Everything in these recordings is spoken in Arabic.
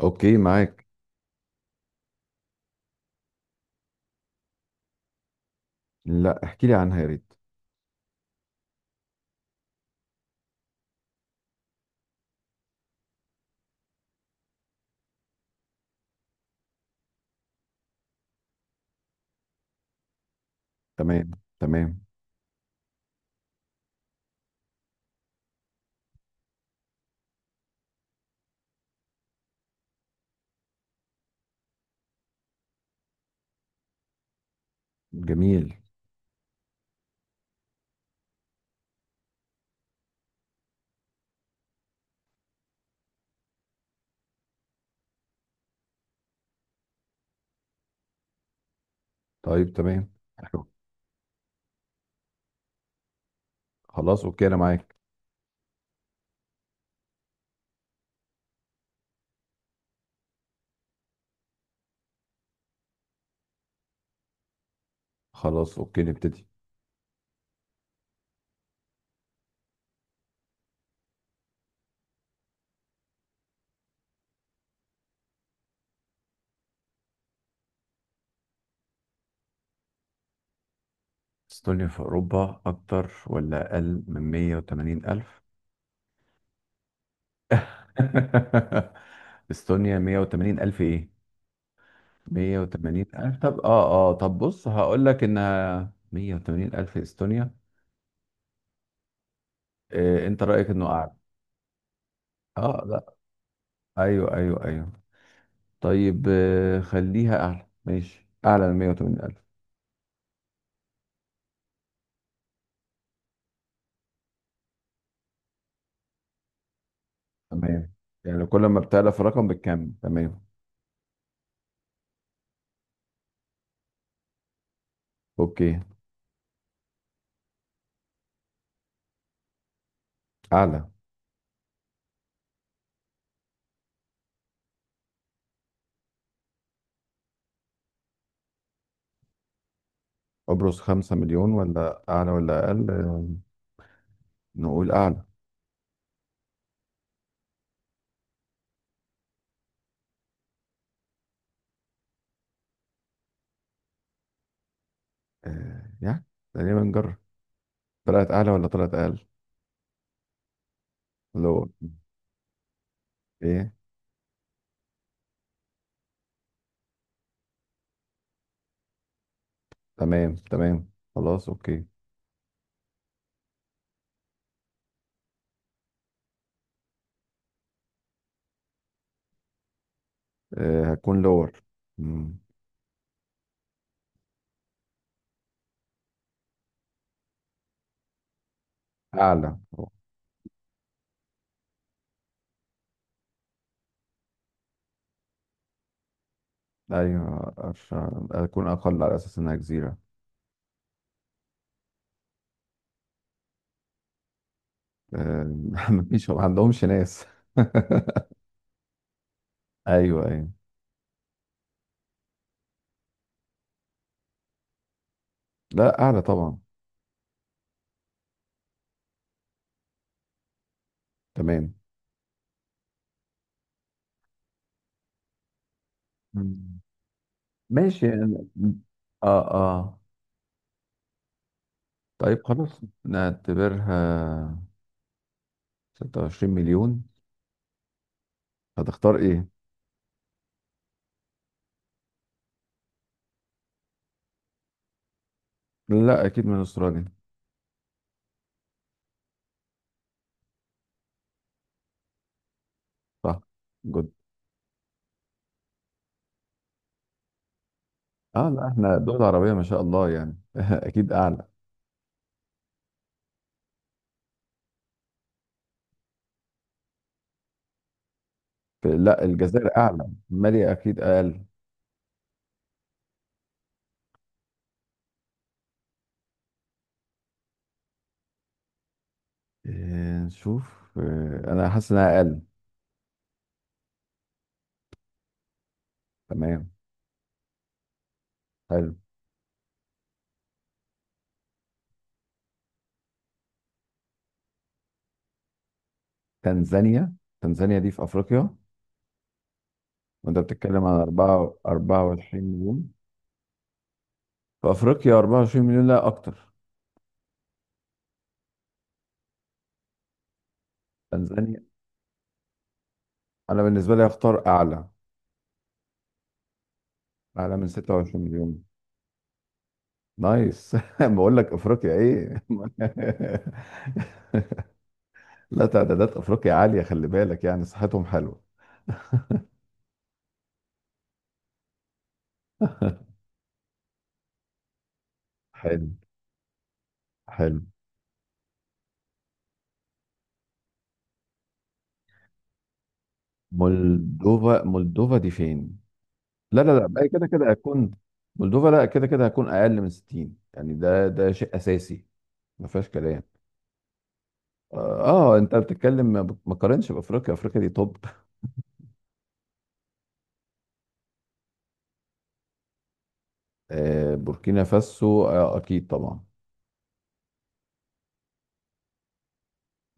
اوكي، معاك. لا، احكي لي عنها يا ريت. تمام تمام. جميل. طيب تمام. حلو. خلاص اوكي انا معاك. خلاص اوكي نبتدي. استونيا في أوروبا أكتر ولا أقل من 180 ألف؟ استونيا 180 ألف إيه؟ 180 ألف، طب آه، طب بص هقول لك إنها 180 ألف استونيا. إيه أنت رأيك إنه أعلى؟ لا، أيوه أيوه أيوه. طيب خليها أعلى، ماشي أعلى من 180 ألف. تمام، يعني كل ما بتعلى الرقم بالكم تمام. اوكي. اعلى. ابرز خمسة مليون، ولا اعلى ولا اقل؟ نقول اعلى. يعني تقريبا نجرب. طلعت اعلى ولا طلعت اقل؟ لور. ايه؟ تمام تمام خلاص اوكي. هكون لور. مم. اعلى. ايوه أرش- هكون اقل على اساس انها جزيرة. آه. مفيش، ما عندهمش ناس. ايوه ايوه. لا اعلى طبعا. تمام. مم. ماشي يعني- اه اه. طيب خلاص نعتبرها 26 مليون. هتختار ايه؟ لا اكيد من استراليا. صح. جد. اه لا احنا دول عربية ما شاء الله يعني اكيد اعلى. لا الجزائر اعلى، مالي اكيد اقل. آه نشوف آه انا حاسس انها اقل. تمام. حلو. تنزانيا. تنزانيا دي في افريقيا. وانت بتتكلم عن 4 24 مليون؟ في افريقيا 24 مليون لا اكتر؟ تنزانيا، انا بالنسبه لي اختار اعلى. اعلى من 26 مليون. نايس. بقول لك افريقيا ايه. لا تعدادات افريقيا عاليه، خلي بالك يعني صحتهم حلوه. حلو. حلو. مولدوفا. مولدوفا دي فين؟ لا لا لا، بقى كده كده هتكون. مولدوفا لا، كده كده هتكون اقل من 60، يعني ده شيء اساسي. ما فيهاش كلام. انت بتتكلم، ما قارنش بافريقيا، افريقيا دي توب. بوركينا فاسو، اكيد طبعا.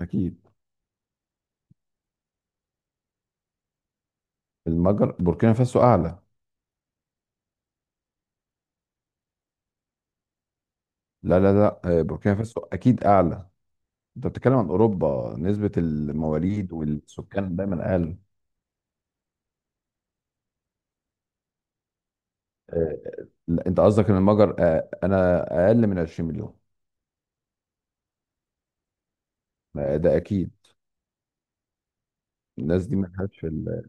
اكيد. المجر، بوركينا فاسو اعلى. لا لا لا بوركينا فاسو اكيد اعلى. انت بتتكلم عن اوروبا، نسبة المواليد والسكان دايما اقل. آه، لا، انت قصدك ان المجر، انا اقل من 20 مليون؟ ما ده اكيد. الناس دي مالهاش في ال-.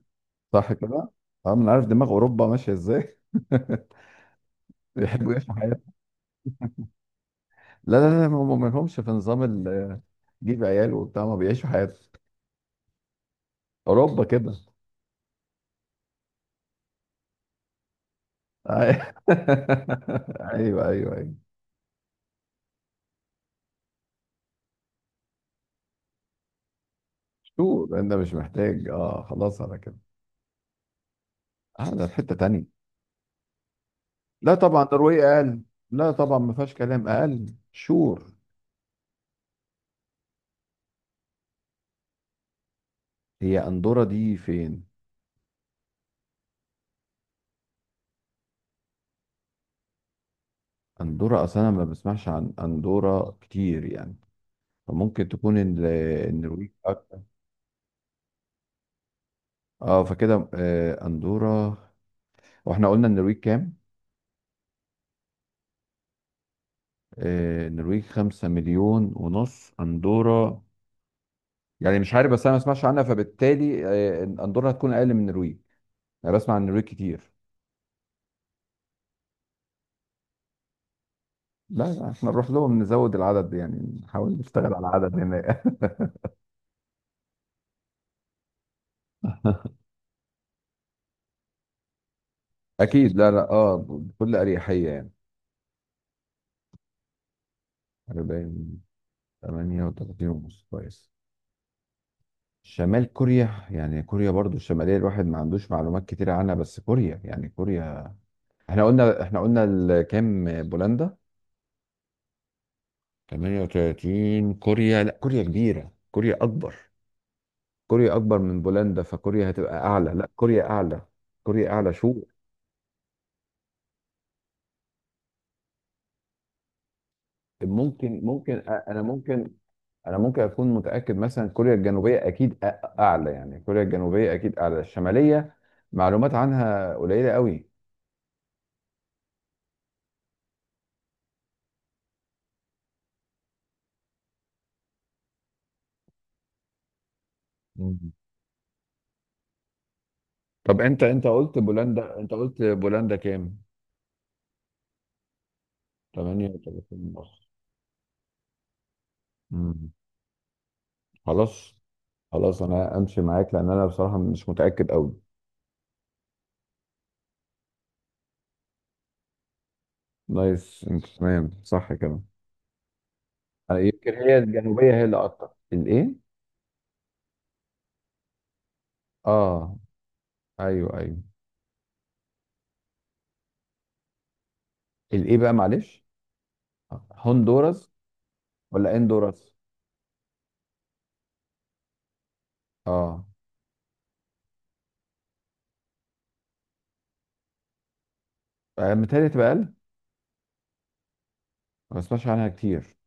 صح كده. اه، من عارف دماغ اوروبا ماشيه ازاي. بيحبوا يعيشوا حياتهم. لا لا لا، هم ما لهمش في نظام ال-، جيب عيال وبتاع، ما بيعيشوا حياتهم. اوروبا كده. أي-. ايوه ايوه ايوه. شو، انت مش محتاج، اه خلاص على كده. اه، ده في حته تانيه. لا طبعا نرويج اقل. لا طبعا ما فيهاش كلام، اقل شور. هي اندورا دي فين؟ اندورا اصلا أنا ما بسمعش عن اندورا كتير يعني، فممكن تكون ال-، النرويج اكتر. اه فكده اندورا. واحنا قلنا النرويج كام؟ النرويج خمسة مليون ونص. اندورا يعني مش عارف، بس انا ما بسمعش عنها، فبالتالي اندورا هتكون اقل من النرويج، انا بسمع عن النرويج كتير. لا لا، احنا نروح لهم نزود العدد، يعني نحاول نشتغل على العدد هناك. اكيد، لا لا اه، بكل اريحيه يعني. حاجه باين. 38 ونص، كويس. شمال كوريا. يعني كوريا برضو الشماليه الواحد ما عندوش معلومات كتير عنها، بس كوريا يعني كوريا. احنا قلنا ال- كام بولندا؟ 38. كوريا، لا كوريا كبيره، كوريا اكبر. كوريا اكبر من بولندا، فكوريا هتبقى اعلى، لا كوريا اعلى. كوريا اعلى شو ممكن انا ممكن، ممكن اكون متاكد مثلا كوريا الجنوبيه اكيد أ-، اعلى، يعني كوريا الجنوبيه اكيد اعلى الشماليه. معلومات عنها قليله قوي. مم. طب انت قلت بولندا، قلت بولندا كام؟ 38 ونص. مم. خلاص خلاص انا امشي معاك، لان انا بصراحه مش متاكد قوي. نايس انت تمام صح كده. أنا يمكن هي الجنوبيه هي اللي اكتر، الايه. اه، ايوه ايوه. الايه بقى معلش، هندوراس ولا اندوراس؟ اه. متهيألي تبقى، ما بسمعش عنها كتير.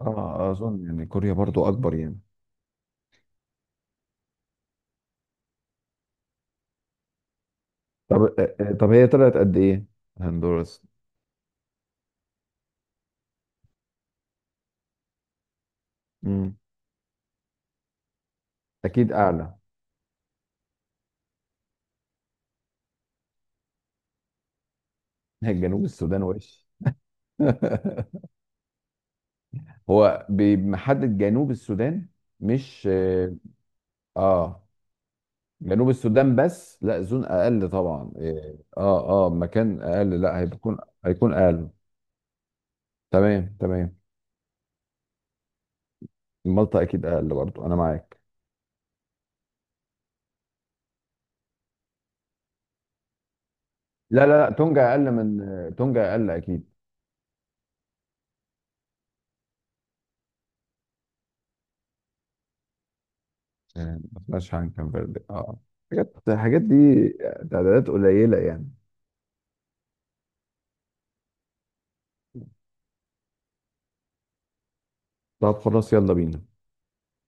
اه اظن يعني كوريا برضو اكبر يعني. طب طب هي طلعت قد ايه هندوراس؟ امم. اكيد اعلى. جنوب السودان وش. هو بمحدد جنوب السودان؟ مش اه آه، جنوب السودان؟ بس لا زون اقل طبعا، اه اه مكان اقل، لا هيكون، هيكون اقل. تمام تمام. مالطا اكيد اقل برضو، انا معاك. لا لا لا تونجا اقل من تونجا اقل اكيد. فلاش كان فيردي اه. حاجات، الحاجات دي تعدادات قليلة يعني. طب خلاص يلا بينا.